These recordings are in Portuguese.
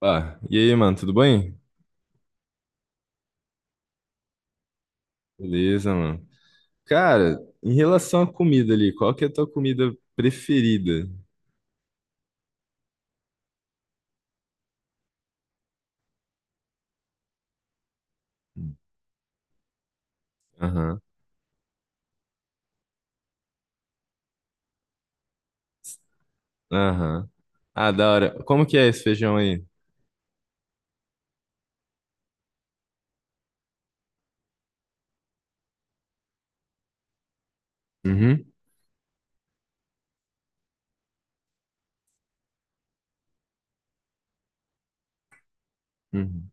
Ah, e aí, mano, tudo bem? Beleza, mano. Cara, em relação à comida ali, qual que é a tua comida preferida? Aham, aham. Ah, da hora. Como que é esse feijão aí? Uhum, uhum.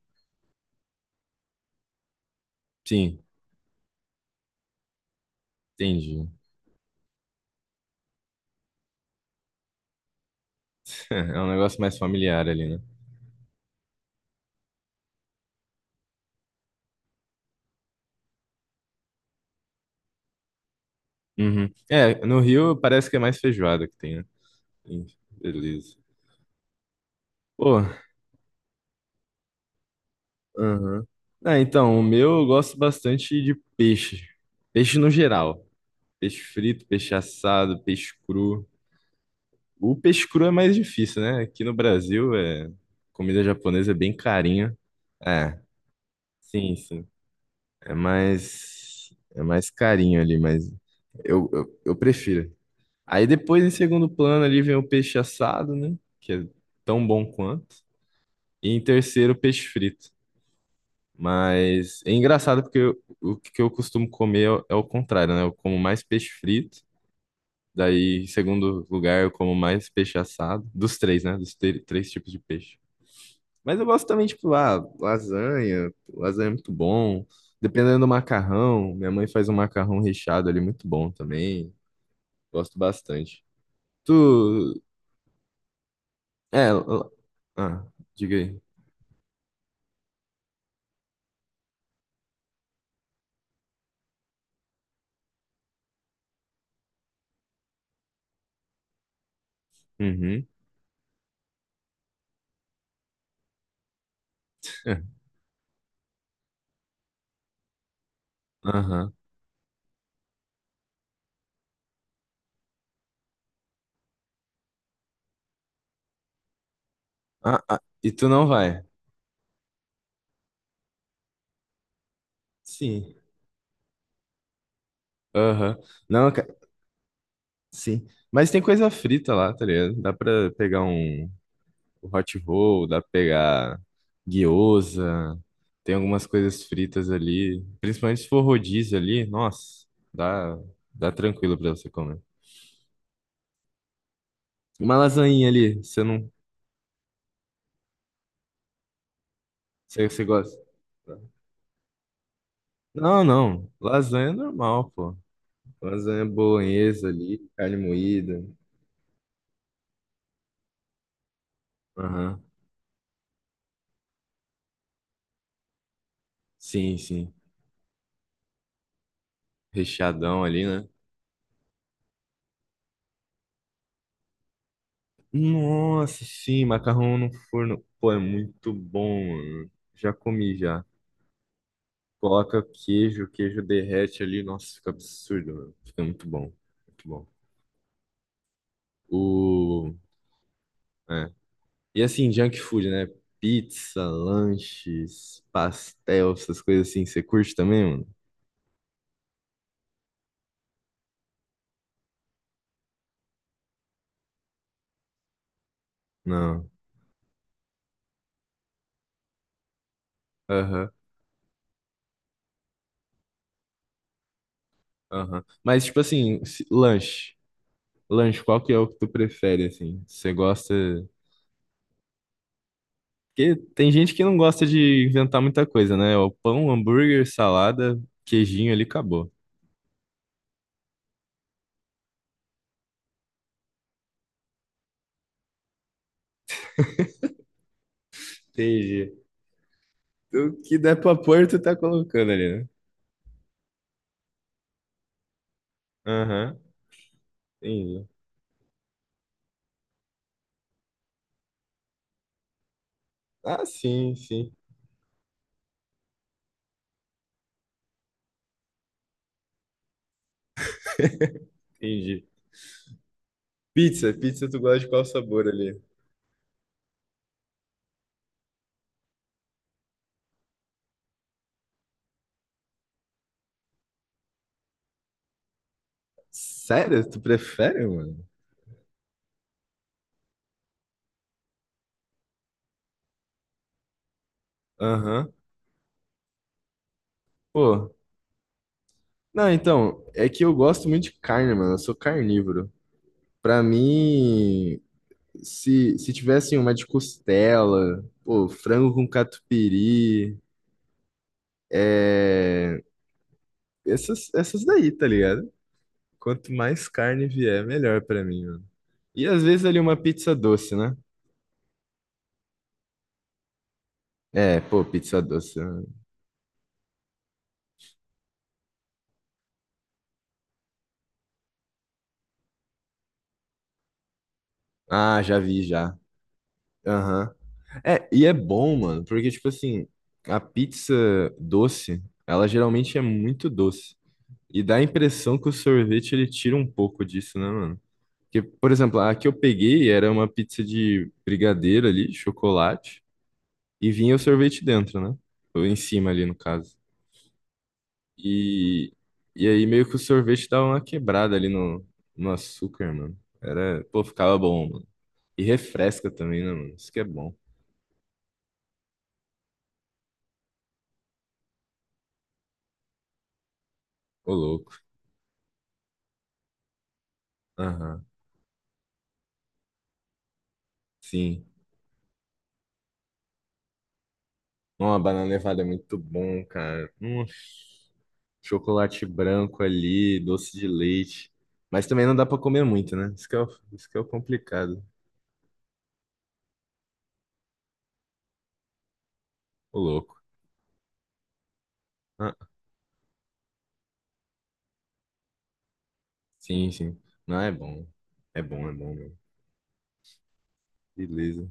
Sim, entendi. É um negócio mais familiar ali, né? Uhum. É, no Rio parece que é mais feijoada que tem, né? Sim. Beleza. Pô, aham. Ah, então, o meu eu gosto bastante de peixe. Peixe no geral. Peixe frito, peixe assado, peixe cru. O peixe cru é mais difícil, né? Aqui no Brasil, comida japonesa é bem carinha. É, sim, sim. É mais, é mais carinho ali, mas eu prefiro. Aí depois, em segundo plano, ali vem o peixe assado, né? Que é tão bom quanto. E em terceiro, o peixe frito. Mas é engraçado porque o que eu costumo comer é o contrário, né? Eu como mais peixe frito. Daí, em segundo lugar, eu como mais peixe assado. Dos três, né? Dos três tipos de peixe. Mas eu gosto também, tipo, ah, lasanha é muito bom. Dependendo do macarrão, minha mãe faz um macarrão recheado ali muito bom também. Gosto bastante. Tu, é, l- ah, diga aí. Uhum. Aham. Ah, e tu não vai? Sim. Aham. Não, sim. Mas tem coisa frita lá, tá ligado? Dá pra pegar o hot roll, dá pra pegar gyoza, tem algumas coisas fritas ali. Principalmente se for rodízio ali, nossa, dá, dá tranquilo pra você comer. Uma lasanha ali, você gosta? Não, não, lasanha é normal, pô. Lasanha bolonhesa ali, carne moída. Aham. Sim, sim. Recheadão ali, né? Nossa, sim, macarrão no forno. Pô, é muito bom, mano. Já comi já. Coloca queijo, o queijo derrete ali. Nossa, fica absurdo, mano. Fica muito bom. Muito bom. O... É. E assim, junk food, né? Pizza, lanches, pastel, essas coisas assim. Você curte também, mano? Não. Aham, aham. Mas, tipo assim, lanche. Lanche, qual que é o que tu prefere, assim? Você gosta... Porque tem gente que não gosta de inventar muita coisa, né? É o pão, hambúrguer, salada, queijinho ali, acabou. Entendi. O que der pra pôr, tu tá colocando ali. Aham, entendi. Ah, sim, sim, entendi. Pizza, tu gosta de qual sabor ali? Sério? Tu prefere, mano? Aham. Pô, não, então, é que eu gosto muito de carne, mano. Eu sou carnívoro. Pra mim, se tivesse uma de costela, pô, frango com catupiry, é. Essas daí, tá ligado? Quanto mais carne vier, melhor pra mim, mano. E às vezes ali uma pizza doce, né? É, pô, pizza doce. Ah, já vi, já. Aham. É, e é bom, mano, porque, tipo assim, a pizza doce, ela geralmente é muito doce. E dá a impressão que o sorvete, ele tira um pouco disso, né, mano? Porque, por exemplo, a que eu peguei era uma pizza de brigadeiro ali, chocolate, e vinha o sorvete dentro, né? Ou em cima ali, no caso. E, e aí meio que o sorvete dava uma quebrada ali no açúcar, mano. Era, pô, ficava bom, mano. E refresca também, né, mano? Isso que é bom. Ô, louco. Aham, sim. Uma banana nevada é muito bom, cara. Um chocolate branco ali, doce de leite. Mas também não dá pra comer muito, né? Isso que é o complicado. Ô, louco. Ah, sim, sim. Não, é bom. É bom, é bom, mano. Beleza.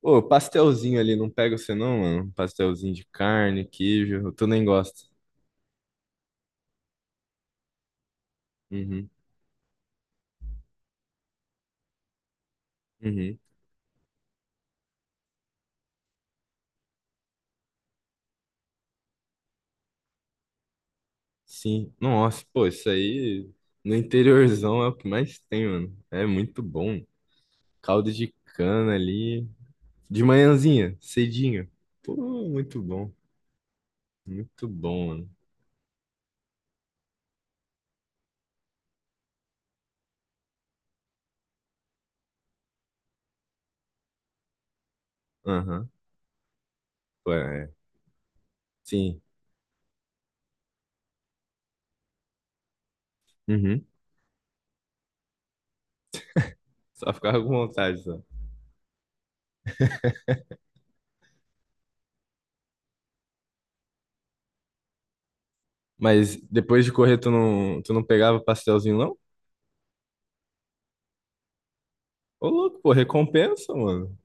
Ô, pastelzinho ali, não pega você não, mano? Pastelzinho de carne, queijo. Tu nem gosta. Uhum, uhum. Sim. Nossa, pô, isso aí no interiorzão é o que mais tem, mano. É muito bom. Caldo de cana ali. De manhãzinha, cedinho. Pô, muito bom. Muito bom, mano. Aham. Pô, é. Sim. Uhum. Só ficava com vontade, só. Mas depois de correr, tu não pegava pastelzinho, não? Ô, louco, pô, recompensa, mano.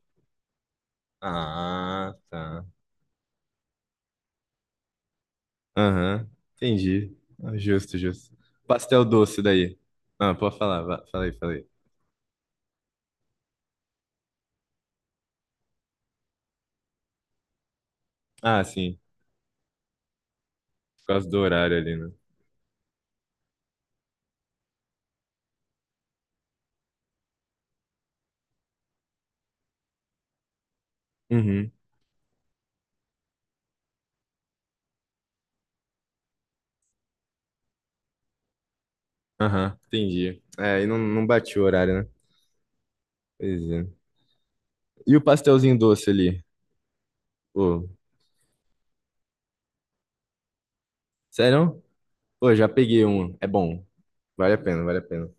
Ah, tá. Aham. Entendi. Ah, justo, justo. Pastel doce daí. Ah, pode falar. Fala aí, fala aí. Ah, sim. Por causa do horário ali, né? Uhum. Aham. Entendi. É, e não, não bati o horário, né? Pois é. E o pastelzinho doce ali? Pô, sério? Pô, já peguei um. É bom. Vale a pena, vale a pena.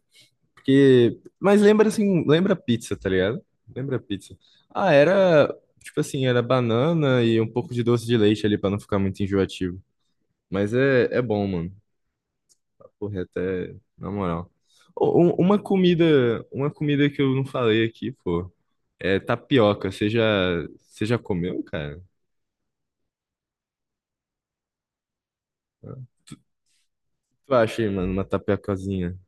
Porque. Mas lembra assim, lembra pizza, tá ligado? Lembra pizza. Ah, era. Tipo assim, era banana e um pouco de doce de leite ali pra não ficar muito enjoativo. Mas é bom, mano. Porra, até. Na moral. Ô, uma comida. Uma comida que eu não falei aqui, pô. É tapioca. Você já. Você já comeu, cara? Tu acha aí, mano, uma tapiocazinha?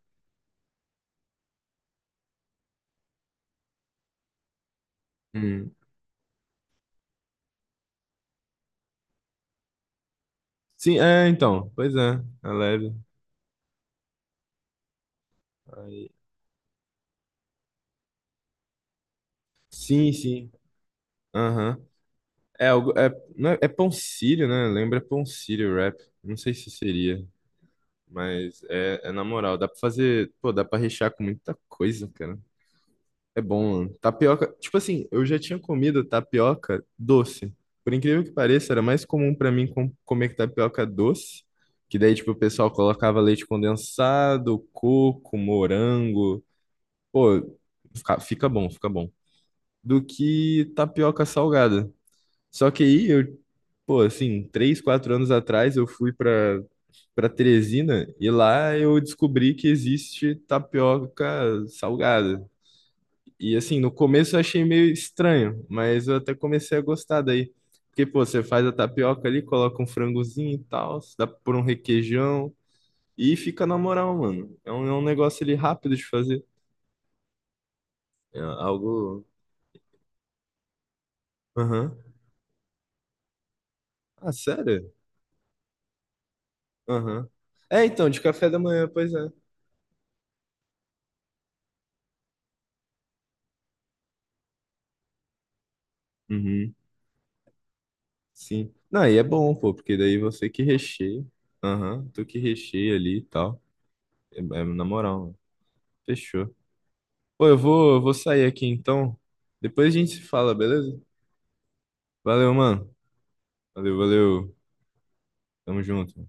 Sim, é, então. Pois é, é leve. Aí- Sim, sim. Aham. É algo. É, não é, é pão sírio, né? Lembra pão sírio rap. Não sei se seria, mas é na moral. Dá pra fazer. Pô, dá pra rechear com muita coisa, cara. É bom, mano. Tapioca. Tipo assim, eu já tinha comido tapioca doce. Por incrível que pareça, era mais comum pra mim comer tapioca doce. Que daí, tipo, o pessoal colocava leite condensado, coco, morango. Pô, fica bom, fica bom. Do que tapioca salgada. Só que aí eu, pô, assim, 3, 4 anos atrás eu fui para Teresina e lá eu descobri que existe tapioca salgada. E assim, no começo eu achei meio estranho, mas eu até comecei a gostar daí. Porque, pô, você faz a tapioca ali, coloca um frangozinho e tal, dá por um requeijão e fica na moral, mano. É um negócio ali rápido de fazer. É algo. Aham. Ah, sério? Aham. É, então, de café da manhã, pois é. Uhum. Sim. Não, aí é bom, pô, porque daí você que recheia. Aham, tu que recheia ali e tal. É na moral, mano. Fechou. Pô, eu vou sair aqui então. Depois a gente se fala, beleza? Valeu, mano. Valeu, valeu. Tamo junto.